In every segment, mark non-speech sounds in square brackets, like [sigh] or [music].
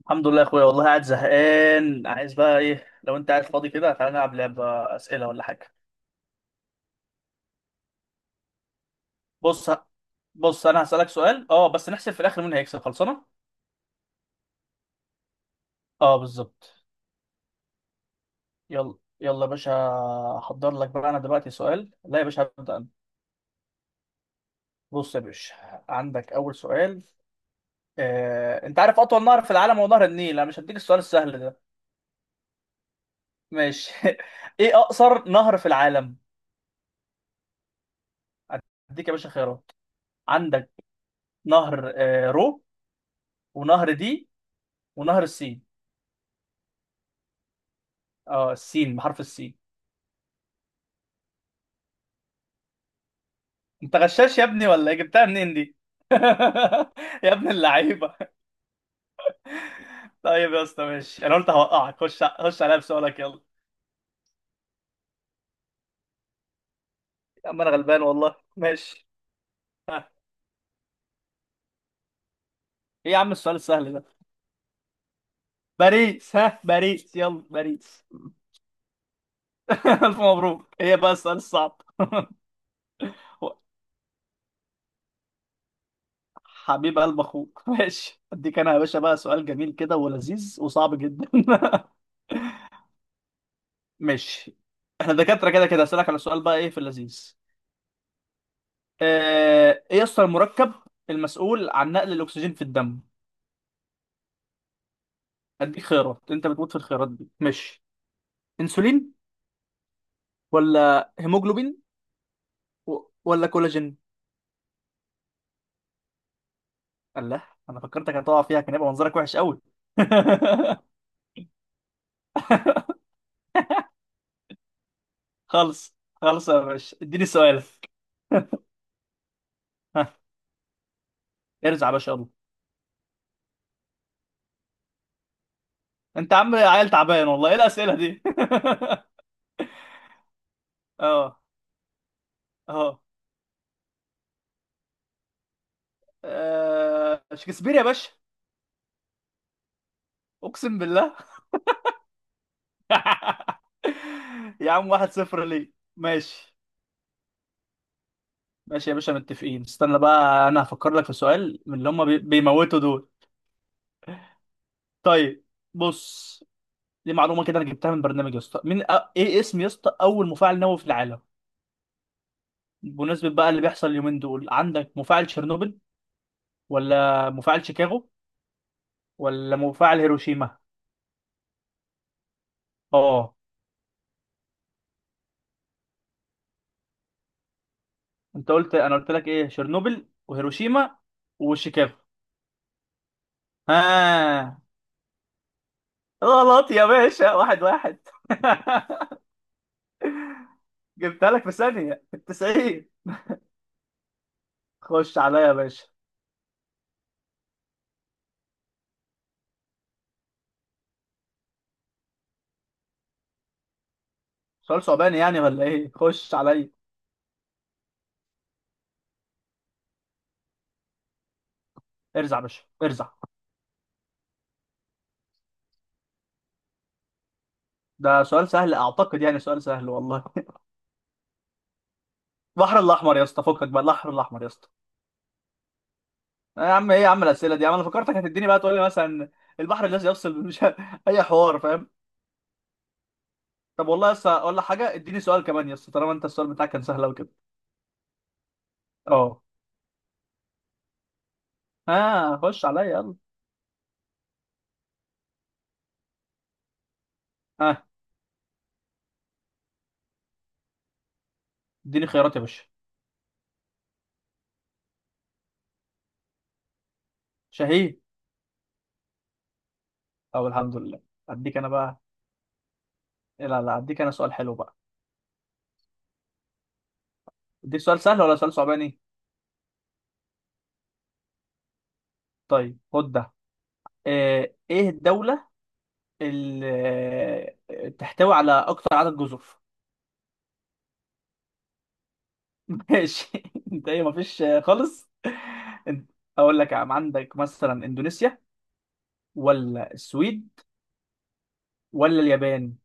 الحمد لله يا اخويا، والله قاعد زهقان. عايز بقى ايه، لو انت قاعد فاضي كده تعالى نلعب لعبة اسئلة ولا حاجة. بص بص، انا هسألك سؤال، اه بس نحسب في الاخر مين هيكسب، خلصانة. اه بالظبط. يلا. يلا يا باشا. هحضر لك بقى انا دلوقتي سؤال، لا يا باشا هبدأ انا. بص يا باشا، عندك اول سؤال. انت عارف اطول نهر في العالم هو نهر النيل، انا مش هديك السؤال السهل ده. ماشي [laughs] ايه اقصر نهر في العالم؟ هديك يا باشا خيارات. عندك نهر رو، ونهر دي، ونهر السين. اه، السين بحرف السين. انت غشاش يا ابني ولا إيه؟ جبتها منين دي [laughs] يا ابن اللعيبه. طيب يا اسطى ماشي، انا قلت هوقعك. خش خش عليا بسؤالك، يلا. يا عم انا غلبان والله، ماشي. ها. ايه يا عم السؤال السهل ده؟ باريس، ها باريس، يلا باريس. [laughs] الف مبروك. ايه بقى السؤال الصعب؟ و- حبيب قلب اخوك [laughs] ماشي، اديك انا يا باشا بقى سؤال جميل كده ولذيذ وصعب جدا [laughs] ماشي، احنا دكاترة كده كده. هسألك على سؤال بقى ايه في اللذيذ. ايه يسطا المركب المسؤول عن نقل الاكسجين في الدم؟ اديك خيارات، انت بتموت في الخيارات دي، مش؟ انسولين، ولا هيموجلوبين، ولا كولاجين. الله. انا فكرتك هتقع فيها، كان يبقى منظرك وحش قوي [laughs] خالص، خالص يا باشا، اديني سؤالك. ها، ارزع يا باشا يلا. انت عم عيل تعبان والله، ايه الاسئله دي [laughs] اه. اه. شكسبير يا باشا. اقسم بالله [laughs] يا عم واحد صفر، ليه ماشي. ماشي يا باشا متفقين. استنى بقى انا هفكر لك في سؤال من اللي هم بيموتوا دول. طيب، بص، دي معلومه كده انا جبتها من برنامج يا اسطى. ايه اسم يا اسطى اول مفاعل نووي في العالم؟ بمناسبه بقى اللي بيحصل اليومين دول، عندك مفاعل تشيرنوبل، ولا مفاعل شيكاغو، ولا مفاعل هيروشيما. اه. انت قلت، انا قلت لك ايه؟ تشيرنوبل، وهيروشيما، وشيكاغو. ها. غلط يا باشا، واحد واحد [laughs] جبتها لك في ثانيه في التسعين. خش عليا يا باشا. سؤال صعباني يعني ولا ايه؟ خش عليا، ارزع يا باشا ارزع. ده سؤال سهل اعتقد، يعني سؤال سهل والله. البحر الاحمر يا اسطى، فكك بقى، البحر الاحمر يا اسطى. يا عم، ايه يا عم الاسئله دي يا عم؟ انا فكرتك هتديني بقى تقول لي مثلا البحر الذي يفصل مش [laughs] اي حوار فاهم. طب والله يا اسطى اقول لك حاجه، اديني سؤال كمان يا اسطى، طالما انت السؤال بتاعك كان سهل قوي كده. اه. ها، خش عليا يلا. ها، اديني خيارات يا باشا. شهي. او، الحمد لله. اديك انا بقى. لا لا، اديك انا سؤال حلو بقى. اديك سؤال سهل ولا سؤال صعباني؟ طيب، خد ده. ايه الدوله تحتوي على اكتر عدد جزر [laughs] ماشي. انت ايه، مفيش خالص. انت- اقول لك يا عم، عندك مثلا اندونيسيا، ولا السويد، ولا اليابان.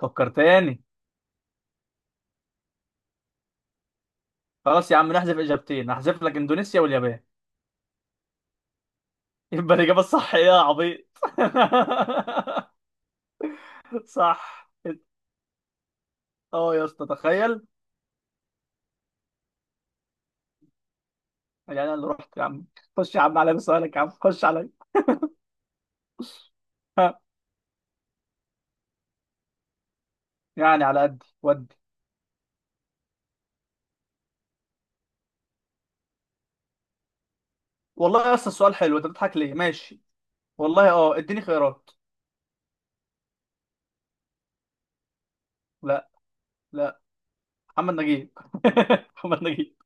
فكر تاني. خلاص يا عم، نحذف اجابتين، هحذف لك اندونيسيا واليابان. يبقى الاجابه الصح ايه يا عبيط؟ [laughs] صح. اه يا اسطى تخيل. يعني انا اللي رحت يا عم. خش يا عم على سؤالك، يا عم خش عليا. ها، يعني على قدي ودي. والله يا اسطى السؤال حلو، انت بتضحك ليه، ماشي. والله اه، اديني خيارات. لا لا، محمد نجيب [laughs] محمد نجيب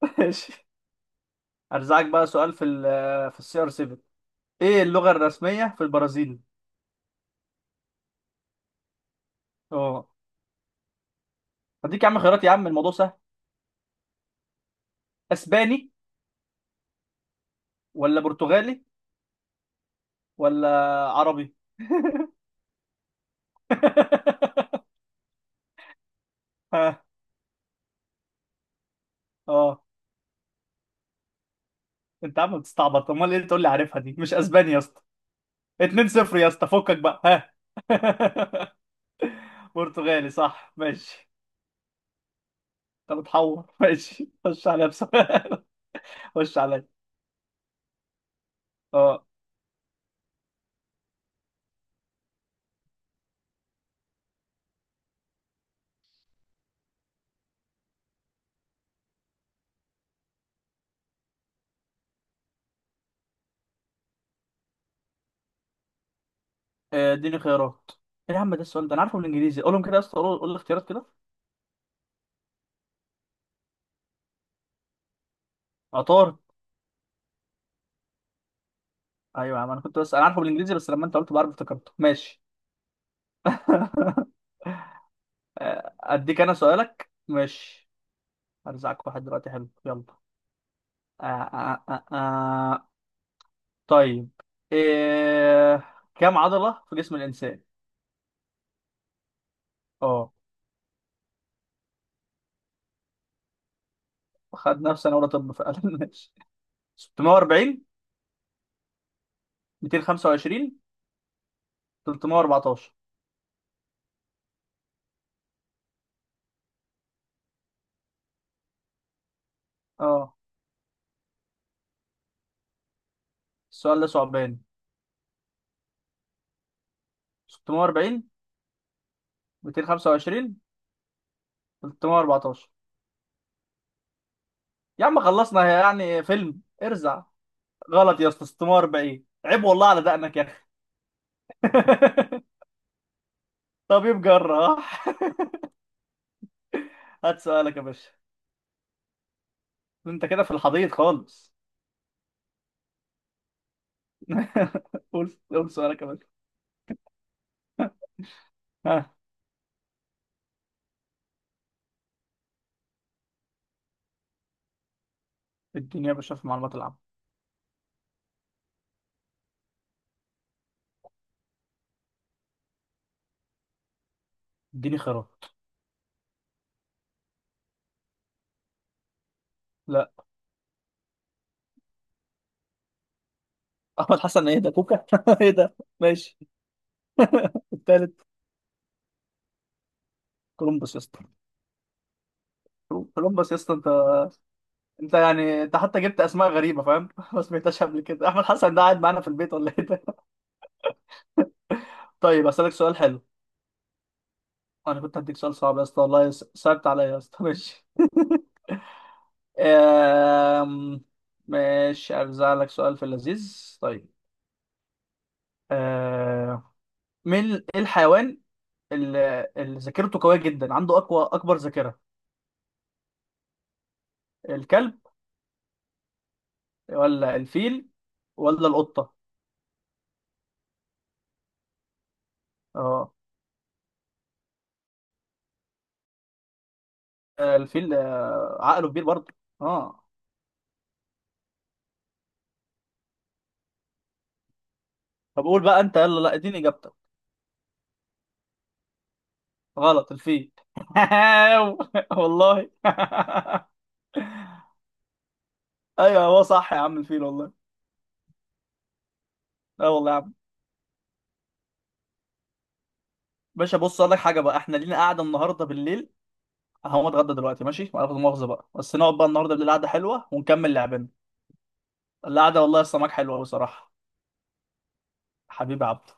ماشي ارزعك بقى سؤال في ال في السي ار 7. ايه اللغة الرسمية في البرازيل؟ اه. هديك يا عم خيارات، يا عم الموضوع سهل. اسباني، ولا برتغالي، ولا عربي [laughs] ها. اه. انت عم بتستعبط، امال ايه اللي تقول لي عارفها، دي مش اسباني يا اسطى. 2-0 يا اسطى، فكك بقى، ها. [laughs] برتغالي صح، ماشي. انت بتحور، ماشي خش عليا بسؤال. [laughs] خش عليا. اه. آه، اديني خيارات. ايه يا عم، ده السؤال ده انا عارفه بالانجليزي، قولهم كده يا اسطى، قول قول الاختيارات كده. عطار. ايوه يا عم، انا كنت بس، انا عارفه بالانجليزي، بس لما انت قلت بعرف افتكرته، ماشي. [laughs] آه، اديك انا سؤالك ماشي. هرزعك واحد دلوقتي حلو، يلا. آه آه آه آه. آه. طيب، إيه... كم عضلة في جسم الإنسان؟ اه. خد نفسي أنا، ولا طب فعلا [laughs] ماشي. 640، 225، 314. اه، السؤال ده صعباني. 640، 225، 314. يا عم خلصنا، هي يعني فيلم، ارزع. غلط يا اسطى، 640، عيب والله على دقنك يا اخي [laughs] طبيب جراح [laughs] هات سؤالك يا باشا. انت كده في الحضيض خالص. [laughs] قول قول سؤالك يا باشا. ها، اديني يا باشا في المعلومات العامة. اديني خيارات. لا. [laughs] احمد حسن ايه ده كوكا [laughs] ايه ده ماشي. التالت كولومبوس يا اسطى كولومبوس يا اسطى انت انت حتى جبت اسماء غريبه فاهم [laughs] ما سمعتهاش قبل كده احمد حسن ده قاعد معانا في البيت ولا ايه ده [laughs] طيب اسالك سؤال حلو انا كنت هديك سؤال صعب يا اسطى والله صعبت عليا يا اسطى [laughs] ماشي آم، ماشي ارزع لك سؤال في اللذيذ طيب آم، ايه الحيوان اللي ذاكرته قوية جدا عنده اقوى اكبر ذاكرة الكلب ولا الفيل ولا القطة اه الفيل عقله كبير برضه اه طب قول بقى انت يلا لا اديني اجابتك غلط الفيل [laughs] والله [laughs] ايوه هو صح يا عم الفيل والله اه والله يا عم باشا بص اقول لك حاجه بقى احنا لينا قاعده النهارده بالليل هقوم اتغدى دلوقتي ماشي ولا مؤاخذه بقى بس نقعد بقى النهارده بالليل قعده حلوه ونكمل لعبنا القعده والله يا سماك حلوه بصراحه حبيبي عبد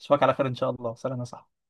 اشوفك على خير ان شاء الله سلام يا صاحبي